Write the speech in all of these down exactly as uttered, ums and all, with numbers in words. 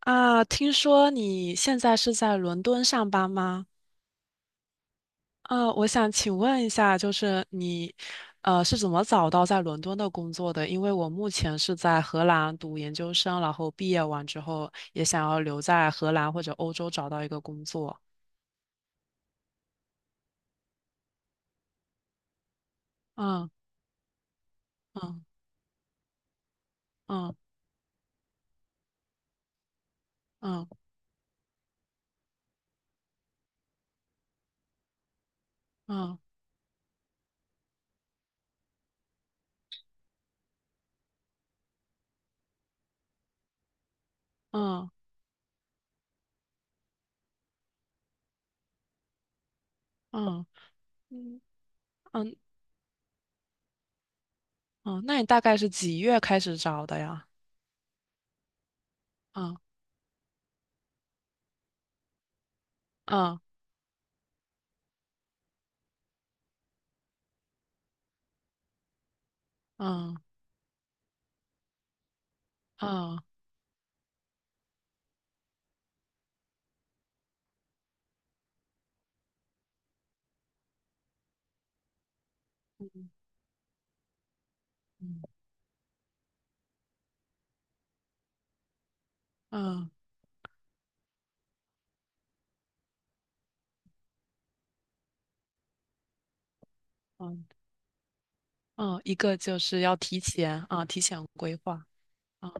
啊，听说你现在是在伦敦上班吗？啊，我想请问一下，就是你，呃，是怎么找到在伦敦的工作的？因为我目前是在荷兰读研究生，然后毕业完之后也想要留在荷兰或者欧洲找到一个工作。嗯嗯嗯嗯嗯嗯嗯嗯嗯嗯，那你大概是几月开始找的呀？嗯嗯嗯嗯嗯嗯嗯。嗯嗯，一个就是要提前啊，提前规划啊，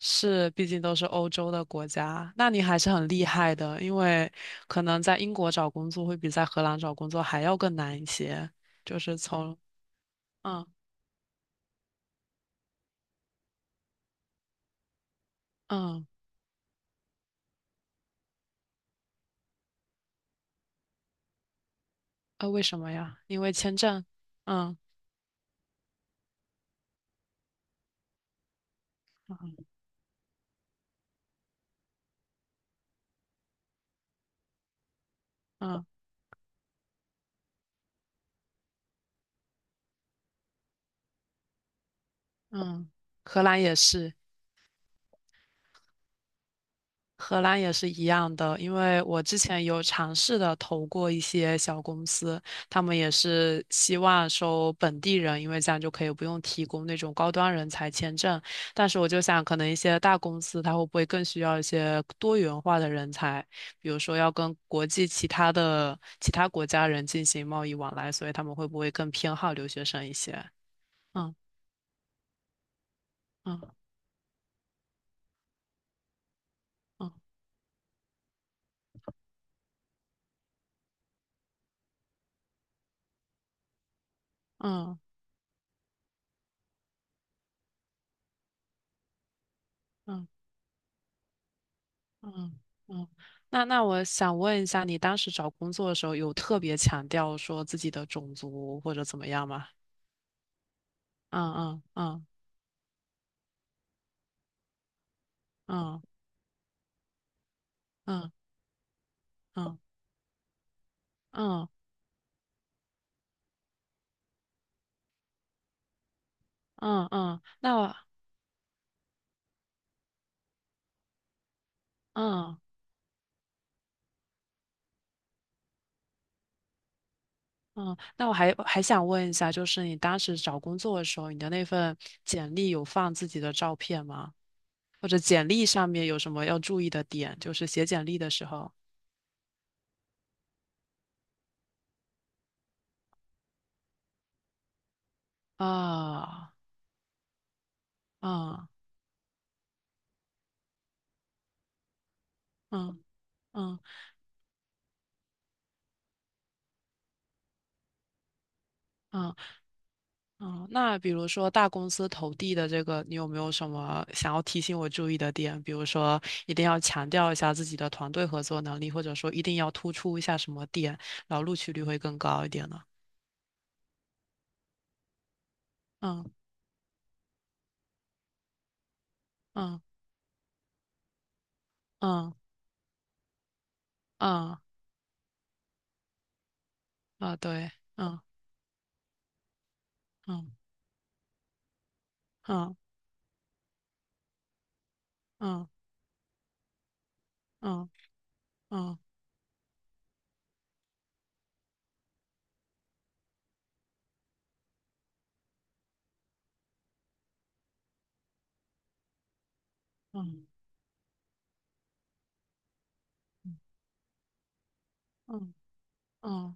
是，毕竟都是欧洲的国家，那你还是很厉害的，因为可能在英国找工作会比在荷兰找工作还要更难一些，就是从嗯嗯啊，为什么呀？因为签证，嗯嗯嗯，荷兰也是，荷兰也是一样的，因为我之前有尝试的投过一些小公司，他们也是希望收本地人，因为这样就可以不用提供那种高端人才签证。但是我就想，可能一些大公司它会不会更需要一些多元化的人才，比如说要跟国际其他的其他国家人进行贸易往来，所以他们会不会更偏好留学生一些？嗯嗯嗯嗯嗯。嗯嗯，那那我想问一下，你当时找工作的时候有特别强调说自己的种族或者怎么样吗？嗯嗯嗯嗯嗯嗯嗯嗯，嗯那我嗯嗯，那我还还想问一下，就是你当时找工作的时候，你的那份简历有放自己的照片吗？或者简历上面有什么要注意的点？就是写简历的时候啊，啊嗯嗯嗯嗯，那比如说大公司投递的这个，你有没有什么想要提醒我注意的点？比如说，一定要强调一下自己的团队合作能力，或者说一定要突出一下什么点，然后录取率会更高一点呢？嗯嗯嗯嗯嗯啊，对，嗯嗯嗯嗯嗯嗯嗯嗯嗯，嗯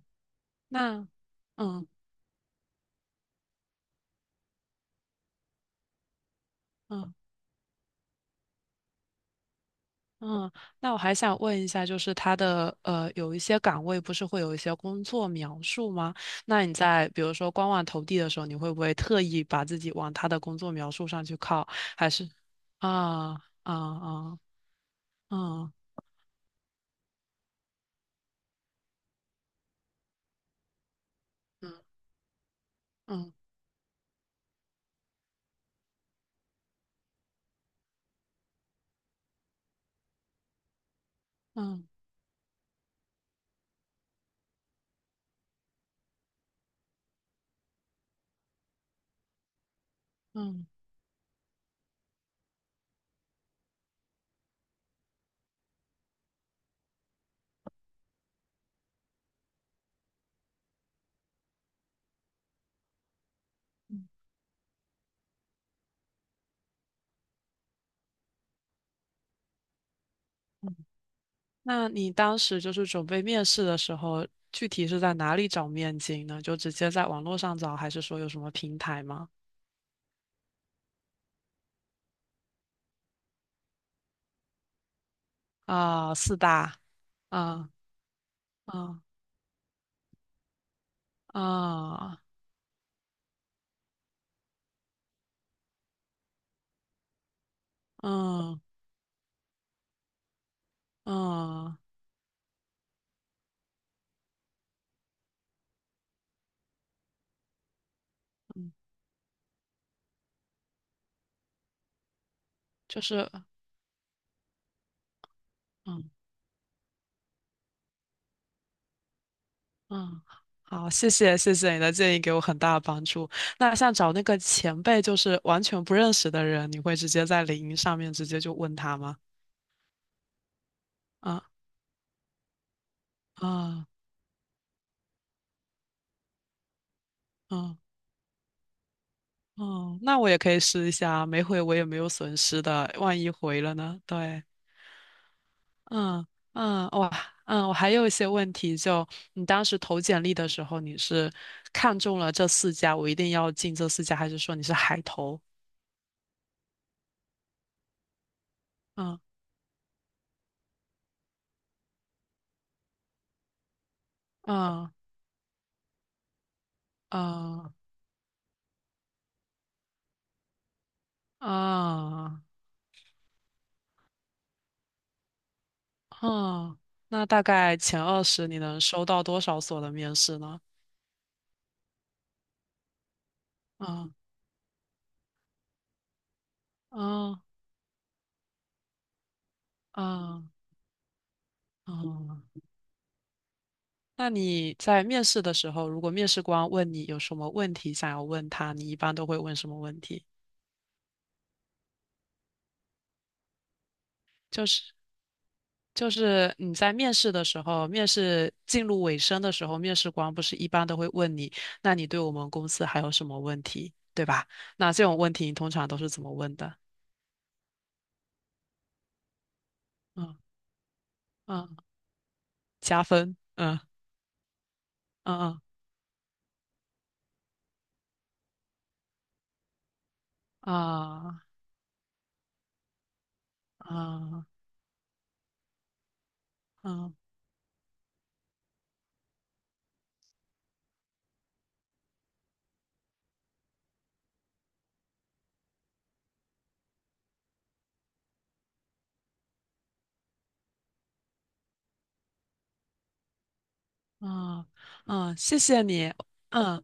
那嗯嗯。嗯，那我还想问一下，就是他的呃，有一些岗位不是会有一些工作描述吗？那你在比如说官网投递的时候，你会不会特意把自己往他的工作描述上去靠？啊啊啊啊嗯嗯嗯嗯嗯。那你当时就是准备面试的时候，具体是在哪里找面经呢？就直接在网络上找，还是说有什么平台吗？啊，四大啊啊啊啊啊。嗯嗯，就是，嗯嗯，好，谢谢谢谢你的建议，给我很大的帮助。那像找那个前辈，就是完全不认识的人，你会直接在领英上面直接就问他吗？啊啊啊哦，那我也可以试一下，没回我也没有损失的，万一回了呢？对，嗯嗯，哇，嗯，我还有一些问题就，你当时投简历的时候，你是看中了这四家，我一定要进这四家，还是说你是海投？嗯嗯嗯啊，嗯，那大概前二十你能收到多少所的面试呢？啊啊啊啊！那你在面试的时候，如果面试官问你有什么问题想要问他，你一般都会问什么问题？就是就是你在面试的时候，面试进入尾声的时候，面试官不是一般都会问你，那你对我们公司还有什么问题，对吧？那这种问题你通常都是怎么问的？嗯嗯，加分，嗯。嗯嗯啊啊啊啊啊！谢谢你。嗯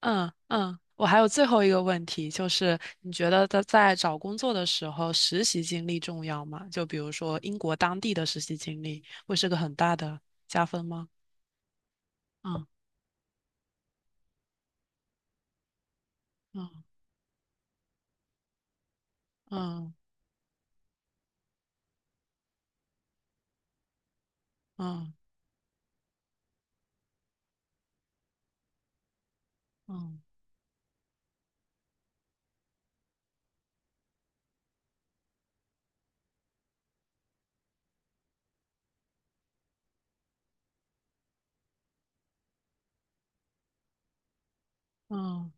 嗯嗯，我还有最后一个问题，就是你觉得在在找工作的时候，实习经历重要吗？就比如说英国当地的实习经历，会是个很大的加分吗？嗯嗯嗯嗯嗯嗯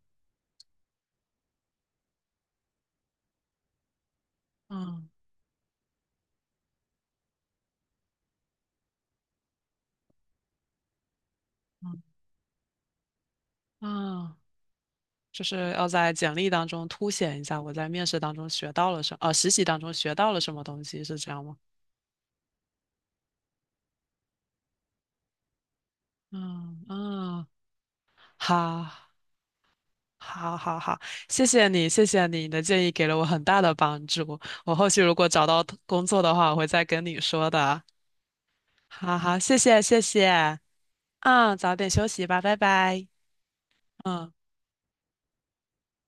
嗯嗯嗯，就是要在简历当中凸显一下我在面试当中学到了什，呃，实习当中学到了什么东西，是这样吗？嗯嗯好，好，好，好，谢谢你，谢谢你，你的建议给了我很大的帮助。我后续如果找到工作的话，我会再跟你说的。好好，谢谢，谢谢。嗯，早点休息吧，拜拜。嗯。